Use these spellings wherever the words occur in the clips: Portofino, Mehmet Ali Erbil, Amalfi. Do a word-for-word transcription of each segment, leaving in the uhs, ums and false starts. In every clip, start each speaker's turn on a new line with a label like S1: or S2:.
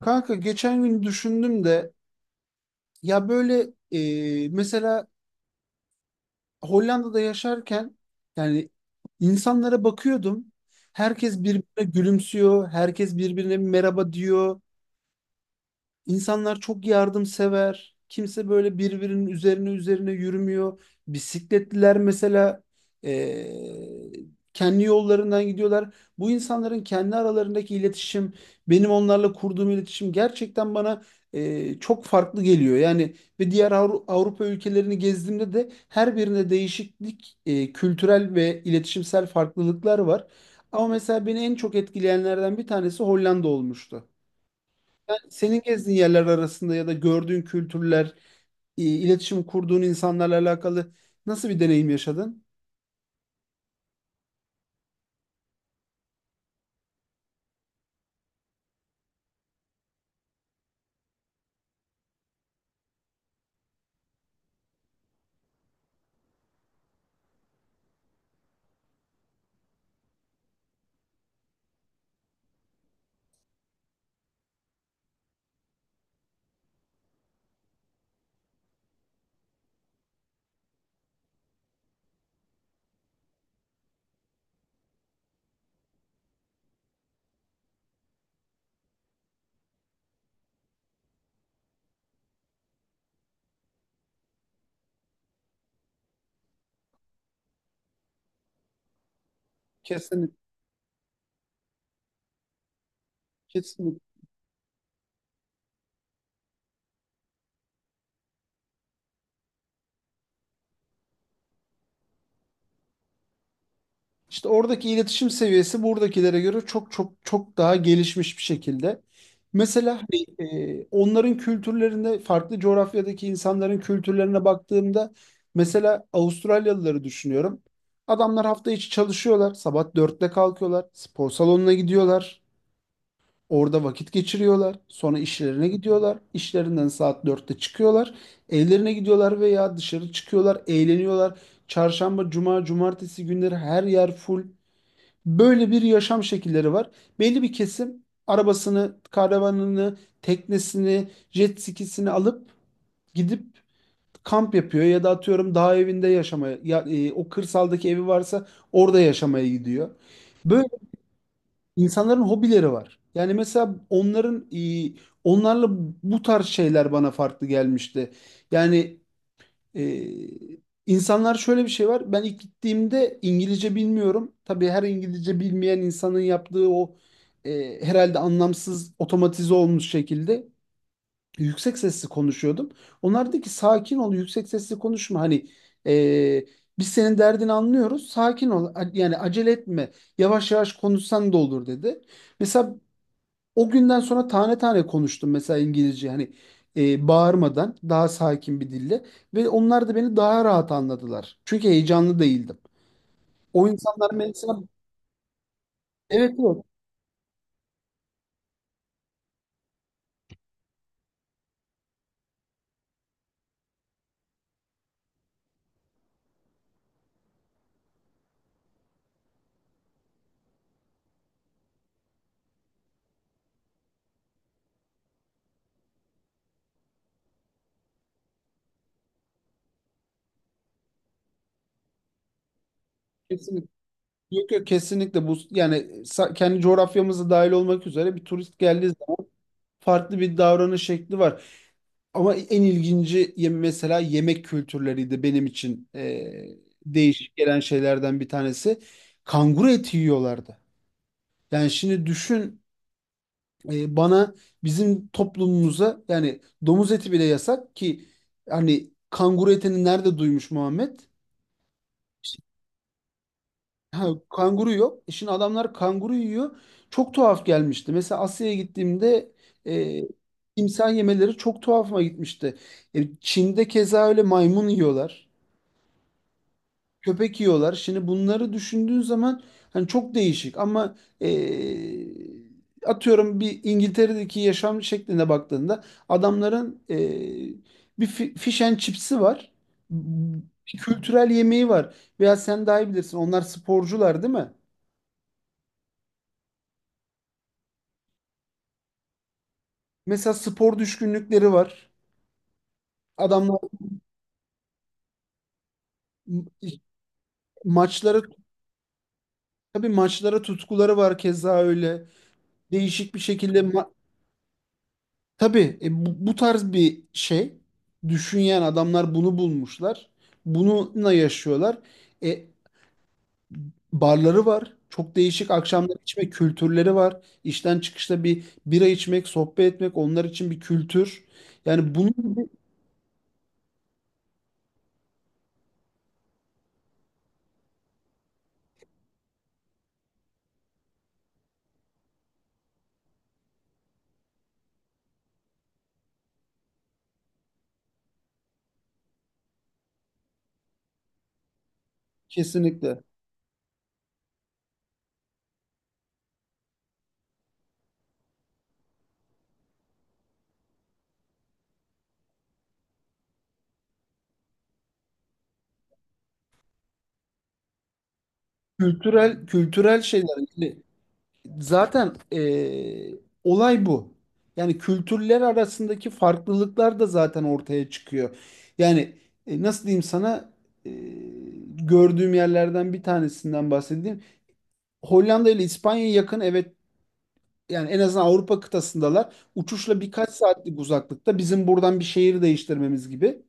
S1: Kanka geçen gün düşündüm de, ya böyle e, mesela Hollanda'da yaşarken, yani, insanlara bakıyordum. Herkes birbirine gülümsüyor, herkes birbirine merhaba diyor. İnsanlar çok yardımsever. Kimse böyle birbirinin üzerine üzerine yürümüyor. Bisikletliler mesela eee, kendi yollarından gidiyorlar. Bu insanların kendi aralarındaki iletişim, benim onlarla kurduğum iletişim gerçekten bana eee, çok farklı geliyor. Yani ve diğer Avru- Avrupa ülkelerini gezdiğimde de her birinde değişiklik, eee, kültürel ve iletişimsel farklılıklar var. Ama mesela beni en çok etkileyenlerden bir tanesi Hollanda olmuştu. Yani senin gezdiğin yerler arasında ya da gördüğün kültürler, i- iletişim kurduğun insanlarla alakalı nasıl bir deneyim yaşadın? Kesinlikle, kesinlikle. İşte oradaki iletişim seviyesi buradakilere göre çok çok çok daha gelişmiş bir şekilde. Mesela hani, e, onların kültürlerinde, farklı coğrafyadaki insanların kültürlerine baktığımda mesela Avustralyalıları düşünüyorum. Adamlar hafta içi çalışıyorlar, sabah dörtte kalkıyorlar, spor salonuna gidiyorlar. Orada vakit geçiriyorlar. Sonra işlerine gidiyorlar. İşlerinden saat dörtte çıkıyorlar. Evlerine gidiyorlar veya dışarı çıkıyorlar, eğleniyorlar. Çarşamba, cuma, cumartesi günleri her yer full. Böyle bir yaşam şekilleri var. Belli bir kesim arabasını, karavanını, teknesini, jet skisini alıp gidip kamp yapıyor ya da atıyorum dağ evinde yaşamaya ya, e, o kırsaldaki evi varsa orada yaşamaya gidiyor. Böyle İnsanların hobileri var. Yani mesela onların e, onlarla bu tarz şeyler bana farklı gelmişti. Yani e, insanlar şöyle bir şey var. Ben ilk gittiğimde İngilizce bilmiyorum. Tabii her İngilizce bilmeyen insanın yaptığı o, e, herhalde anlamsız, otomatize olmuş şekilde yüksek sesli konuşuyordum. Onlar dedi ki, sakin ol, yüksek sesli konuşma. Hani, e, biz senin derdini anlıyoruz. Sakin ol. a- Yani acele etme. Yavaş yavaş konuşsan da olur dedi. Mesela o günden sonra tane tane konuştum, mesela İngilizce, hani, e, bağırmadan, daha sakin bir dille, ve onlar da beni daha rahat anladılar. Çünkü heyecanlı değildim. O insanlar mesela, evet evet, kesinlikle. Yok yok, kesinlikle bu, yani sa- kendi coğrafyamıza dahil olmak üzere, bir turist geldiği zaman farklı bir davranış şekli var. Ama en ilginci yem- mesela yemek kültürleriydi benim için, e, değişik gelen şeylerden bir tanesi. Kanguru eti yiyorlardı. Yani şimdi düşün, e, bana, bizim toplumumuza, yani domuz eti bile yasak ki, hani kanguru etini nerede duymuş Muhammed? İşte, ha, kanguru yok. E, şimdi adamlar kanguru yiyor. Çok tuhaf gelmişti. Mesela Asya'ya gittiğimde, e, timsah yemeleri çok tuhafıma gitmişti. E, Çin'de keza öyle, maymun yiyorlar, köpek yiyorlar. Şimdi bunları düşündüğün zaman hani çok değişik, ama eee, atıyorum bir İngiltere'deki yaşam şekline baktığında, adamların eee, bir fi- fish and chips'i var. Bir kültürel yemeği var. Veya sen daha iyi bilirsin, onlar sporcular değil mi? Mesela spor düşkünlükleri var. Adamlar m- maçlara, tabii maçlara tutkuları var keza öyle. Değişik bir şekilde ma- tabii, e, bu, bu tarz bir şey düşünen adamlar bunu bulmuşlar. Bununla yaşıyorlar. E, barları var. Çok değişik akşamlar, içme kültürleri var. İşten çıkışta bir bira içmek, sohbet etmek onlar için bir kültür. Yani bunun gibi kesinlikle kültürel, kültürel şeyler, yani. Zaten eee, olay bu. Yani kültürler arasındaki farklılıklar da zaten ortaya çıkıyor. Yani, e, nasıl diyeyim sana, eee, gördüğüm yerlerden bir tanesinden bahsedeyim. Hollanda ile İspanya'ya yakın, evet, yani en azından Avrupa kıtasındalar. Uçuşla birkaç saatlik uzaklıkta, bizim buradan bir şehir değiştirmemiz gibi.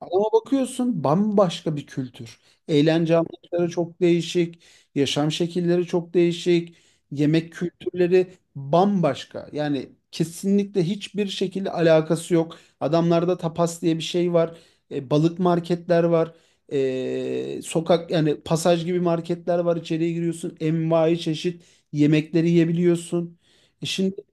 S1: Ama bakıyorsun bambaşka bir kültür. Eğlence anlayışları çok değişik, yaşam şekilleri çok değişik, yemek kültürleri bambaşka. Yani kesinlikle hiçbir şekilde alakası yok. Adamlarda tapas diye bir şey var, e, balık marketler var, e, sokak, yani pasaj gibi marketler var. İçeriye giriyorsun, envai çeşit yemekleri yiyebiliyorsun. E şimdi,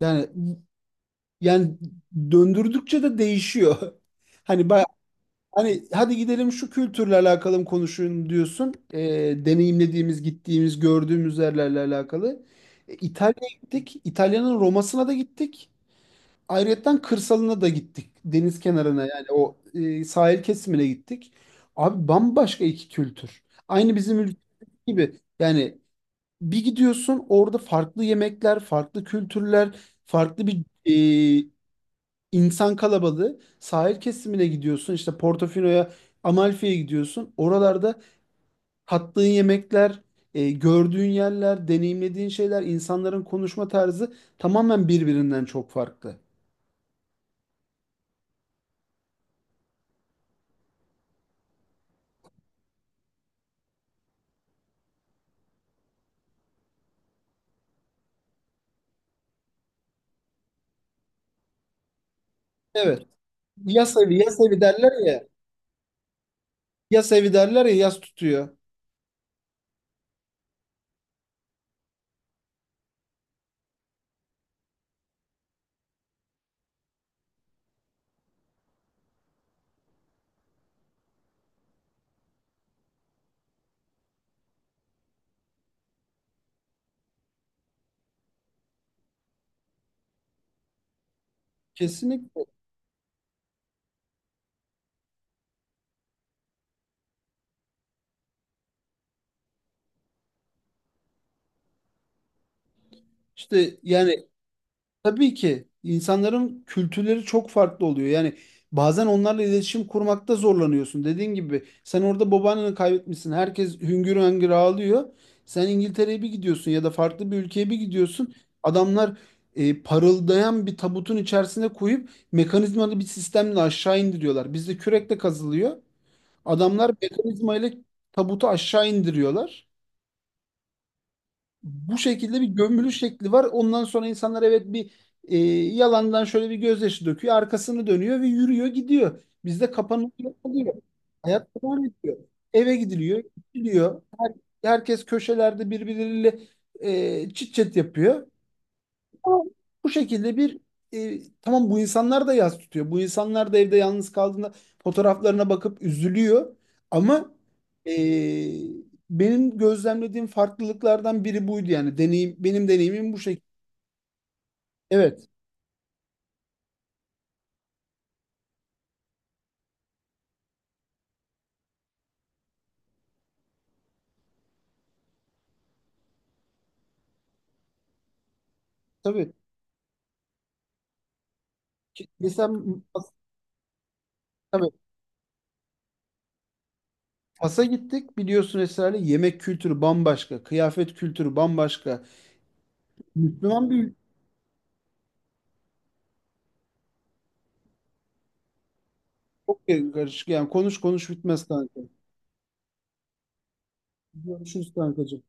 S1: yani yani döndürdükçe de değişiyor. Hani bayağı, hani hadi gidelim şu kültürle alakalı mı konuşun diyorsun. E, deneyimlediğimiz, gittiğimiz, gördüğümüz yerlerle alakalı. E, İtalya'ya gittik. İtalya'nın Roma'sına da gittik. Ayrıyeten kırsalına da gittik. Deniz kenarına, yani o, e, sahil kesimine gittik. Abi bambaşka iki kültür. Aynı bizim ülke gibi. Yani bir gidiyorsun, orada farklı yemekler, farklı kültürler, farklı bir e, İnsan kalabalığı. Sahil kesimine gidiyorsun, işte Portofino'ya, Amalfi'ye gidiyorsun. Oralarda tattığın yemekler, e, gördüğün yerler, deneyimlediğin şeyler, insanların konuşma tarzı tamamen birbirinden çok farklı. Evet. Yas evi, yas evi derler ya. Yas evi derler ya, yas tutuyor. Kesinlikle. İşte yani, tabii ki insanların kültürleri çok farklı oluyor. Yani bazen onlarla iletişim kurmakta zorlanıyorsun. Dediğin gibi, sen orada babaanneni kaybetmişsin, herkes hüngür hüngür ağlıyor. Sen İngiltere'ye bir gidiyorsun, ya da farklı bir ülkeye bir gidiyorsun. Adamlar e, parıldayan bir tabutun içerisine koyup mekanizmalı bir sistemle aşağı indiriyorlar. Bizde kürekle kazılıyor. Adamlar mekanizmayla tabutu aşağı indiriyorlar, bu şekilde bir gömülü şekli var. Ondan sonra insanlar, evet, bir e, yalandan şöyle bir gözyaşı döküyor. Arkasını dönüyor ve yürüyor gidiyor. Bizde kapanıyor oluyor. Hayat devam ediyor. Eve gidiliyor, gidiliyor. Her- herkes köşelerde birbirleriyle e, çit çet yapıyor. Ama bu şekilde bir, e, tamam, bu insanlar da yas tutuyor. Bu insanlar da evde yalnız kaldığında fotoğraflarına bakıp üzülüyor. Ama e, benim gözlemlediğim farklılıklardan biri buydu yani. Deneyim, benim deneyimim bu şekilde. Evet, tabii. Ki- Mesela Fas- tabii, Fas'a gittik. Biliyorsun, Esra'yla. Yemek kültürü bambaşka, kıyafet kültürü bambaşka. Müslüman bir ülke. Çok karışık yani. Konuş konuş bitmez kanka. Görüşürüz kankacığım.